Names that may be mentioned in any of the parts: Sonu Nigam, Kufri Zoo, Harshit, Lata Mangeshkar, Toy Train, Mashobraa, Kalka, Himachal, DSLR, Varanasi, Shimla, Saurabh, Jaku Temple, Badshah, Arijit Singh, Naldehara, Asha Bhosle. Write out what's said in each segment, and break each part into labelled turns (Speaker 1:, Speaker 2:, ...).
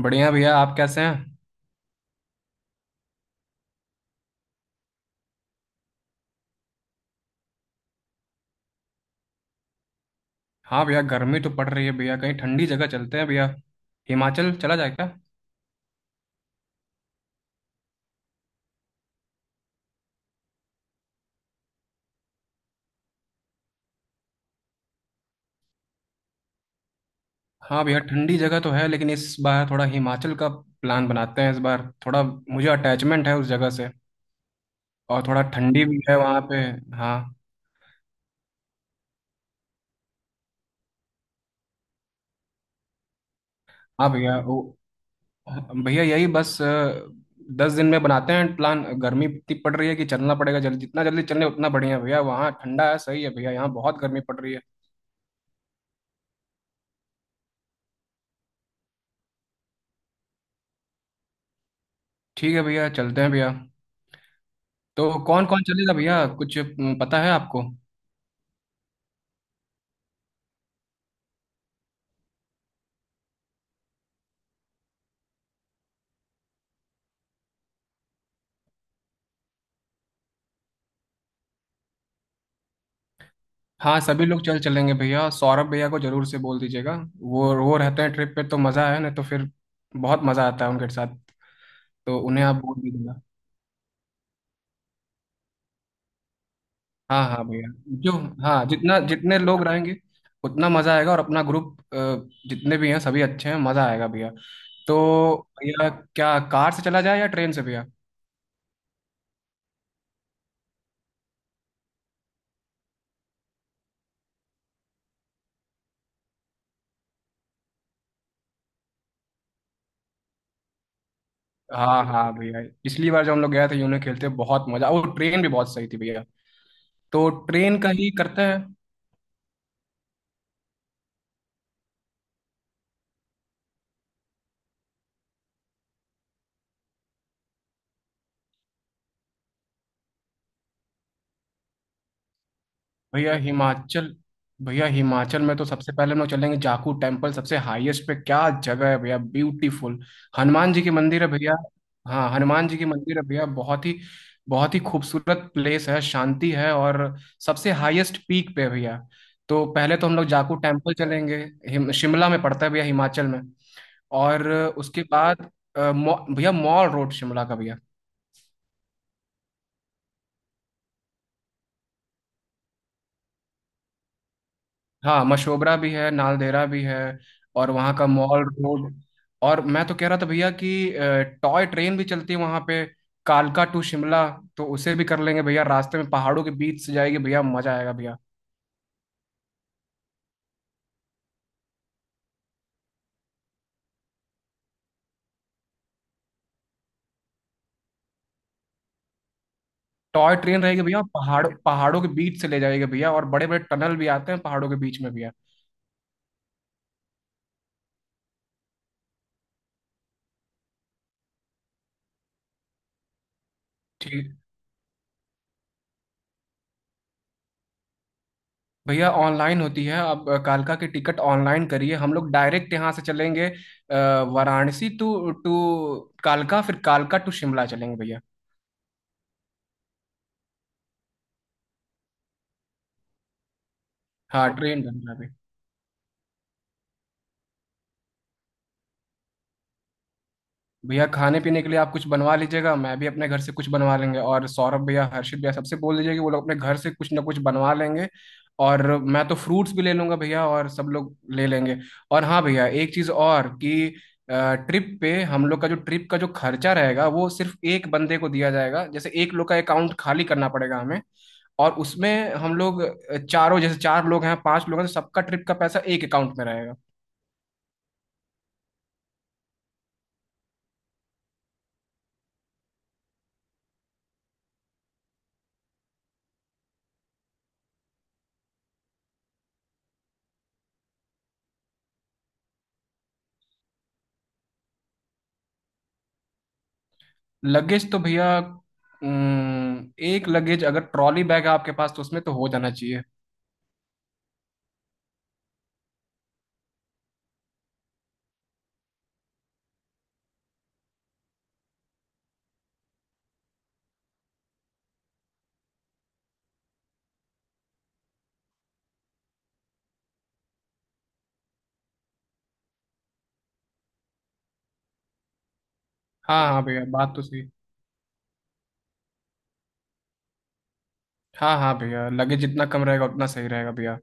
Speaker 1: बढ़िया भैया। आप कैसे हैं। हाँ भैया, गर्मी तो पड़ रही है भैया। कहीं ठंडी जगह चलते हैं भैया। हिमाचल चला जाए क्या। हाँ भैया, ठंडी जगह तो है लेकिन इस बार थोड़ा हिमाचल का प्लान बनाते हैं। इस बार थोड़ा मुझे अटैचमेंट है उस जगह से। और थोड़ा ठंडी भी है वहाँ पे। हाँ हाँ भैया, वो भैया यही बस 10 दिन में बनाते हैं प्लान। गर्मी इतनी पड़ रही है कि चलना पड़ेगा जल्दी। जितना जल्दी चले उतना बढ़िया है भैया। वहाँ ठंडा है, सही है भैया। यहाँ बहुत गर्मी पड़ रही है। ठीक है भैया, चलते हैं भैया। तो कौन कौन चलेगा भैया, कुछ पता है आपको। हाँ सभी लोग चल चलेंगे भैया। सौरभ भैया को जरूर से बोल दीजिएगा। वो रहते हैं ट्रिप पे तो मज़ा है, नहीं तो फिर बहुत मज़ा आता है उनके साथ। तो उन्हें आप बोल दीजिएगा। हाँ हाँ भैया, जो हाँ, जितना जितने लोग रहेंगे उतना मज़ा आएगा। और अपना ग्रुप जितने भी हैं सभी अच्छे हैं, मज़ा आएगा भैया। तो भैया, क्या कार से चला जाए या ट्रेन से भैया। हाँ हाँ भैया, पिछली बार जब हम लोग गए थे यूनो खेलते बहुत मज़ा। वो ट्रेन भी बहुत सही थी भैया। तो ट्रेन का ही करते हैं। भैया हिमाचल, भैया हिमाचल में तो सबसे पहले हम लोग चलेंगे जाकू टेम्पल। सबसे हाईएस्ट पे क्या जगह है भैया, ब्यूटीफुल। हनुमान जी की मंदिर है भैया। हाँ हनुमान जी की मंदिर है भैया। बहुत ही खूबसूरत प्लेस है, शांति है और सबसे हाईएस्ट पीक पे है भैया। तो पहले तो हम लोग जाकू टेम्पल चलेंगे। शिमला में पड़ता है भैया, हिमाचल में। और उसके बाद भैया मॉल रोड शिमला का भैया। हाँ मशोबरा भी है, नालदेहरा भी है। और वहाँ का मॉल रोड। और मैं तो कह रहा था भैया कि टॉय ट्रेन भी चलती है वहाँ पे, कालका टू शिमला। तो उसे भी कर लेंगे भैया। रास्ते में पहाड़ों के बीच से जाएगी भैया, मजा आएगा भैया। टॉय ट्रेन रहेगी भैया, पहाड़ पहाड़ों के बीच से ले जाएगी भैया। और बड़े बड़े टनल भी आते हैं पहाड़ों के बीच में भैया। ठीक। भैया ऑनलाइन होती है। अब कालका की टिकट ऑनलाइन करिए। हम लोग डायरेक्ट यहाँ से चलेंगे वाराणसी टू टू कालका, फिर कालका टू शिमला चलेंगे भैया। हाँ ट्रेन बन रहा है अभी। भैया खाने पीने के लिए आप कुछ बनवा लीजिएगा, मैं भी अपने घर से कुछ बनवा लेंगे। और सौरभ भैया हर्षित भैया सबसे बोल दीजिए कि वो लोग अपने घर से कुछ ना कुछ बनवा लेंगे। और मैं तो फ्रूट्स भी ले लूंगा भैया, और सब लोग ले लेंगे। और हाँ भैया एक चीज़ और कि ट्रिप पे हम लोग का जो ट्रिप का जो खर्चा रहेगा वो सिर्फ एक बंदे को दिया जाएगा। जैसे एक लोग का अकाउंट खाली करना पड़ेगा हमें। और उसमें हम लोग चारों, जैसे चार लोग हैं पांच लोग हैं, तो सबका ट्रिप का पैसा एक अकाउंट में रहेगा। लगेज तो भैया एक लगेज अगर ट्रॉली बैग है आपके पास तो उसमें तो हो जाना चाहिए। हाँ हाँ भैया, बात तो सही। हाँ हाँ भैया, लगेज जितना कम रहेगा उतना सही रहेगा भैया।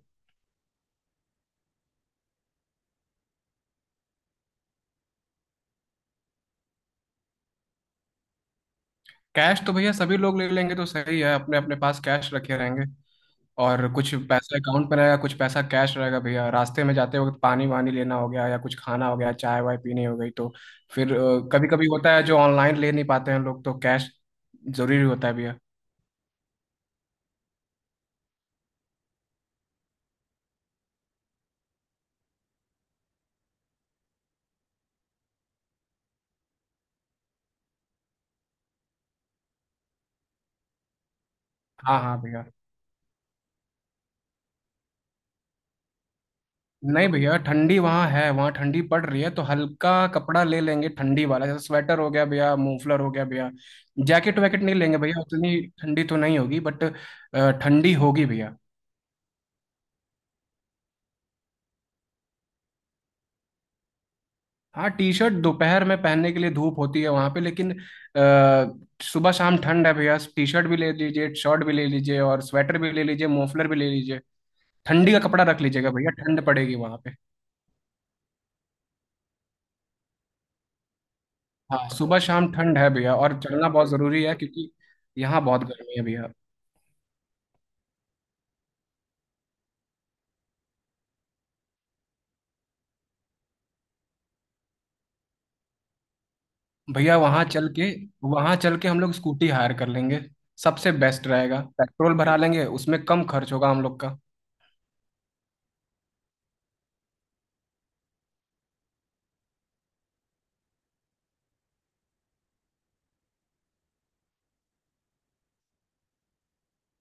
Speaker 1: कैश तो भैया सभी लोग ले लेंगे तो सही है, अपने अपने पास कैश रखे रहेंगे। और कुछ पैसा अकाउंट में रहेगा, कुछ पैसा कैश रहेगा भैया। रास्ते में जाते वक्त पानी वानी लेना हो गया, या कुछ खाना हो गया, चाय वाय पीनी हो गई, तो फिर कभी कभी होता है जो ऑनलाइन ले नहीं पाते हैं लोग तो कैश जरूरी होता है भैया। हाँ हाँ भैया। नहीं भैया, ठंडी वहाँ है, वहाँ ठंडी पड़ रही है, तो हल्का कपड़ा ले लेंगे ठंडी वाला। जैसे स्वेटर हो गया भैया, मफलर हो गया भैया। जैकेट वैकेट नहीं लेंगे भैया, उतनी ठंडी तो नहीं होगी, बट ठंडी होगी भैया। हाँ टी शर्ट दोपहर में पहनने के लिए, धूप होती है वहाँ पे, लेकिन सुबह शाम ठंड है भैया। टी शर्ट भी ले लीजिए, शर्ट भी ले लीजिए, और स्वेटर भी ले लीजिए, मफलर भी ले लीजिए। ठंडी का कपड़ा रख लीजिएगा भैया, ठंड पड़ेगी वहाँ पे। हाँ सुबह शाम ठंड है भैया, और चलना बहुत जरूरी है क्योंकि यहाँ बहुत गर्मी है भैया। भैया वहां चल के, हम लोग स्कूटी हायर कर लेंगे। सबसे बेस्ट रहेगा, पेट्रोल भरा लेंगे उसमें, कम खर्च होगा हम लोग का।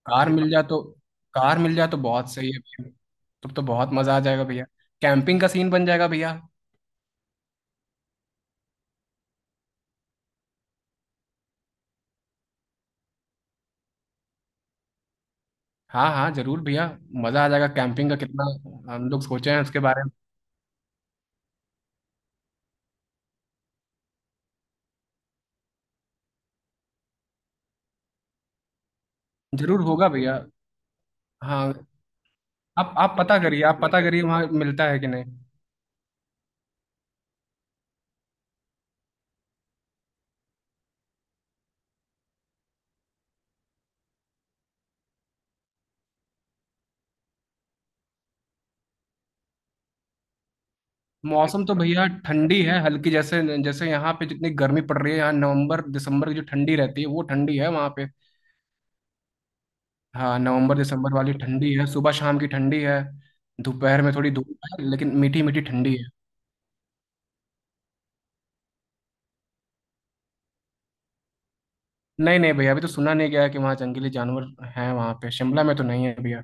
Speaker 1: कार मिल जाए तो, बहुत सही है भैया। तब तो बहुत मजा आ जाएगा भैया, कैंपिंग का सीन बन जाएगा भैया। हाँ हाँ जरूर भैया, मजा आ जाएगा कैंपिंग का। कितना हम लोग सोचे हैं उसके बारे में। जरूर होगा भैया। हाँ आप पता करिए, आप पता करिए वहाँ मिलता है कि नहीं। मौसम तो भैया ठंडी है हल्की। जैसे जैसे यहाँ पे जितनी गर्मी पड़ रही है, यहाँ नवंबर दिसंबर की जो ठंडी रहती है वो ठंडी है वहाँ पे। हाँ नवंबर दिसंबर वाली ठंडी है, सुबह शाम की ठंडी है। दोपहर में थोड़ी धूप है, लेकिन मीठी मीठी ठंडी है। नहीं नहीं भैया, अभी तो सुना नहीं गया है कि वहाँ जंगली जानवर हैं। वहाँ पे शिमला में तो नहीं है भैया।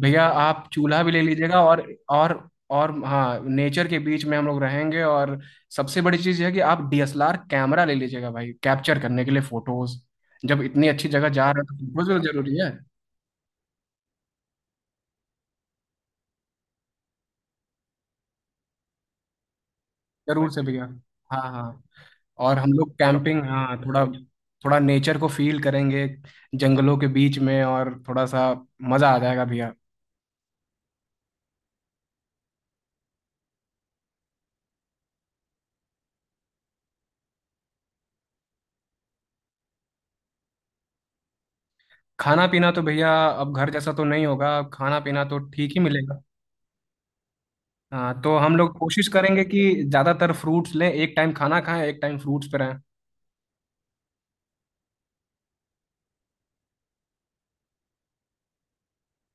Speaker 1: भैया आप चूल्हा भी ले लीजिएगा, और और हाँ नेचर के बीच में हम लोग रहेंगे। और सबसे बड़ी चीज़ यह है कि आप डीएसएलआर कैमरा ले लीजिएगा भाई, कैप्चर करने के लिए फोटोज। जब इतनी अच्छी जगह जा रहे हैं तो फोटोज भी जरूरी है। जरूर से भैया, हाँ हाँ। और हम लोग कैंपिंग, हाँ थोड़ा थोड़ा नेचर को फील करेंगे जंगलों के बीच में, और थोड़ा सा मज़ा आ जाएगा भैया। खाना पीना तो भैया अब घर जैसा तो नहीं होगा, खाना पीना तो ठीक ही मिलेगा। हाँ, तो हम लोग कोशिश करेंगे कि ज्यादातर फ्रूट्स लें, एक टाइम खाना खाएं, एक टाइम फ्रूट्स पे रहें।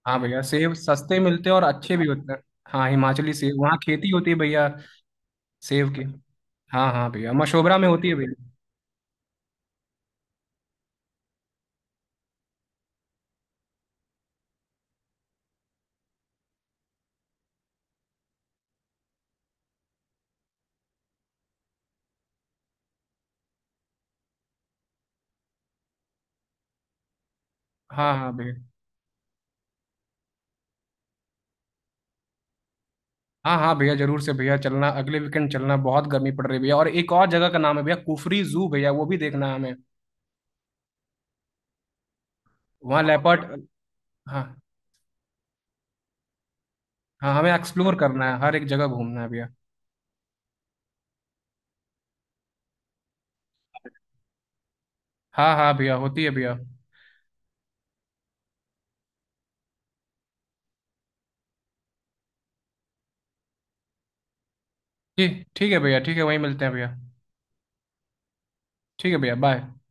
Speaker 1: हाँ भैया, सेब सस्ते मिलते हैं और अच्छे भी होते हैं। हाँ हिमाचली सेब, वहाँ खेती होती है भैया सेब की। हाँ हाँ भैया, मशोबरा में होती है भैया। हाँ हाँ भैया। हाँ हाँ भैया जरूर से भैया, चलना अगले वीकेंड, चलना बहुत गर्मी पड़ रही है भैया। और एक और जगह का नाम है भैया, कुफरी जू भैया, वो भी देखना है हमें। वहाँ लेपर्ड। हाँ हाँ हमें एक्सप्लोर करना है, हर एक जगह घूमना है भैया। हाँ हाँ भैया होती है भैया। ठीक ठीक है भैया, ठीक है, वहीं मिलते हैं भैया। ठीक है भैया, बाय।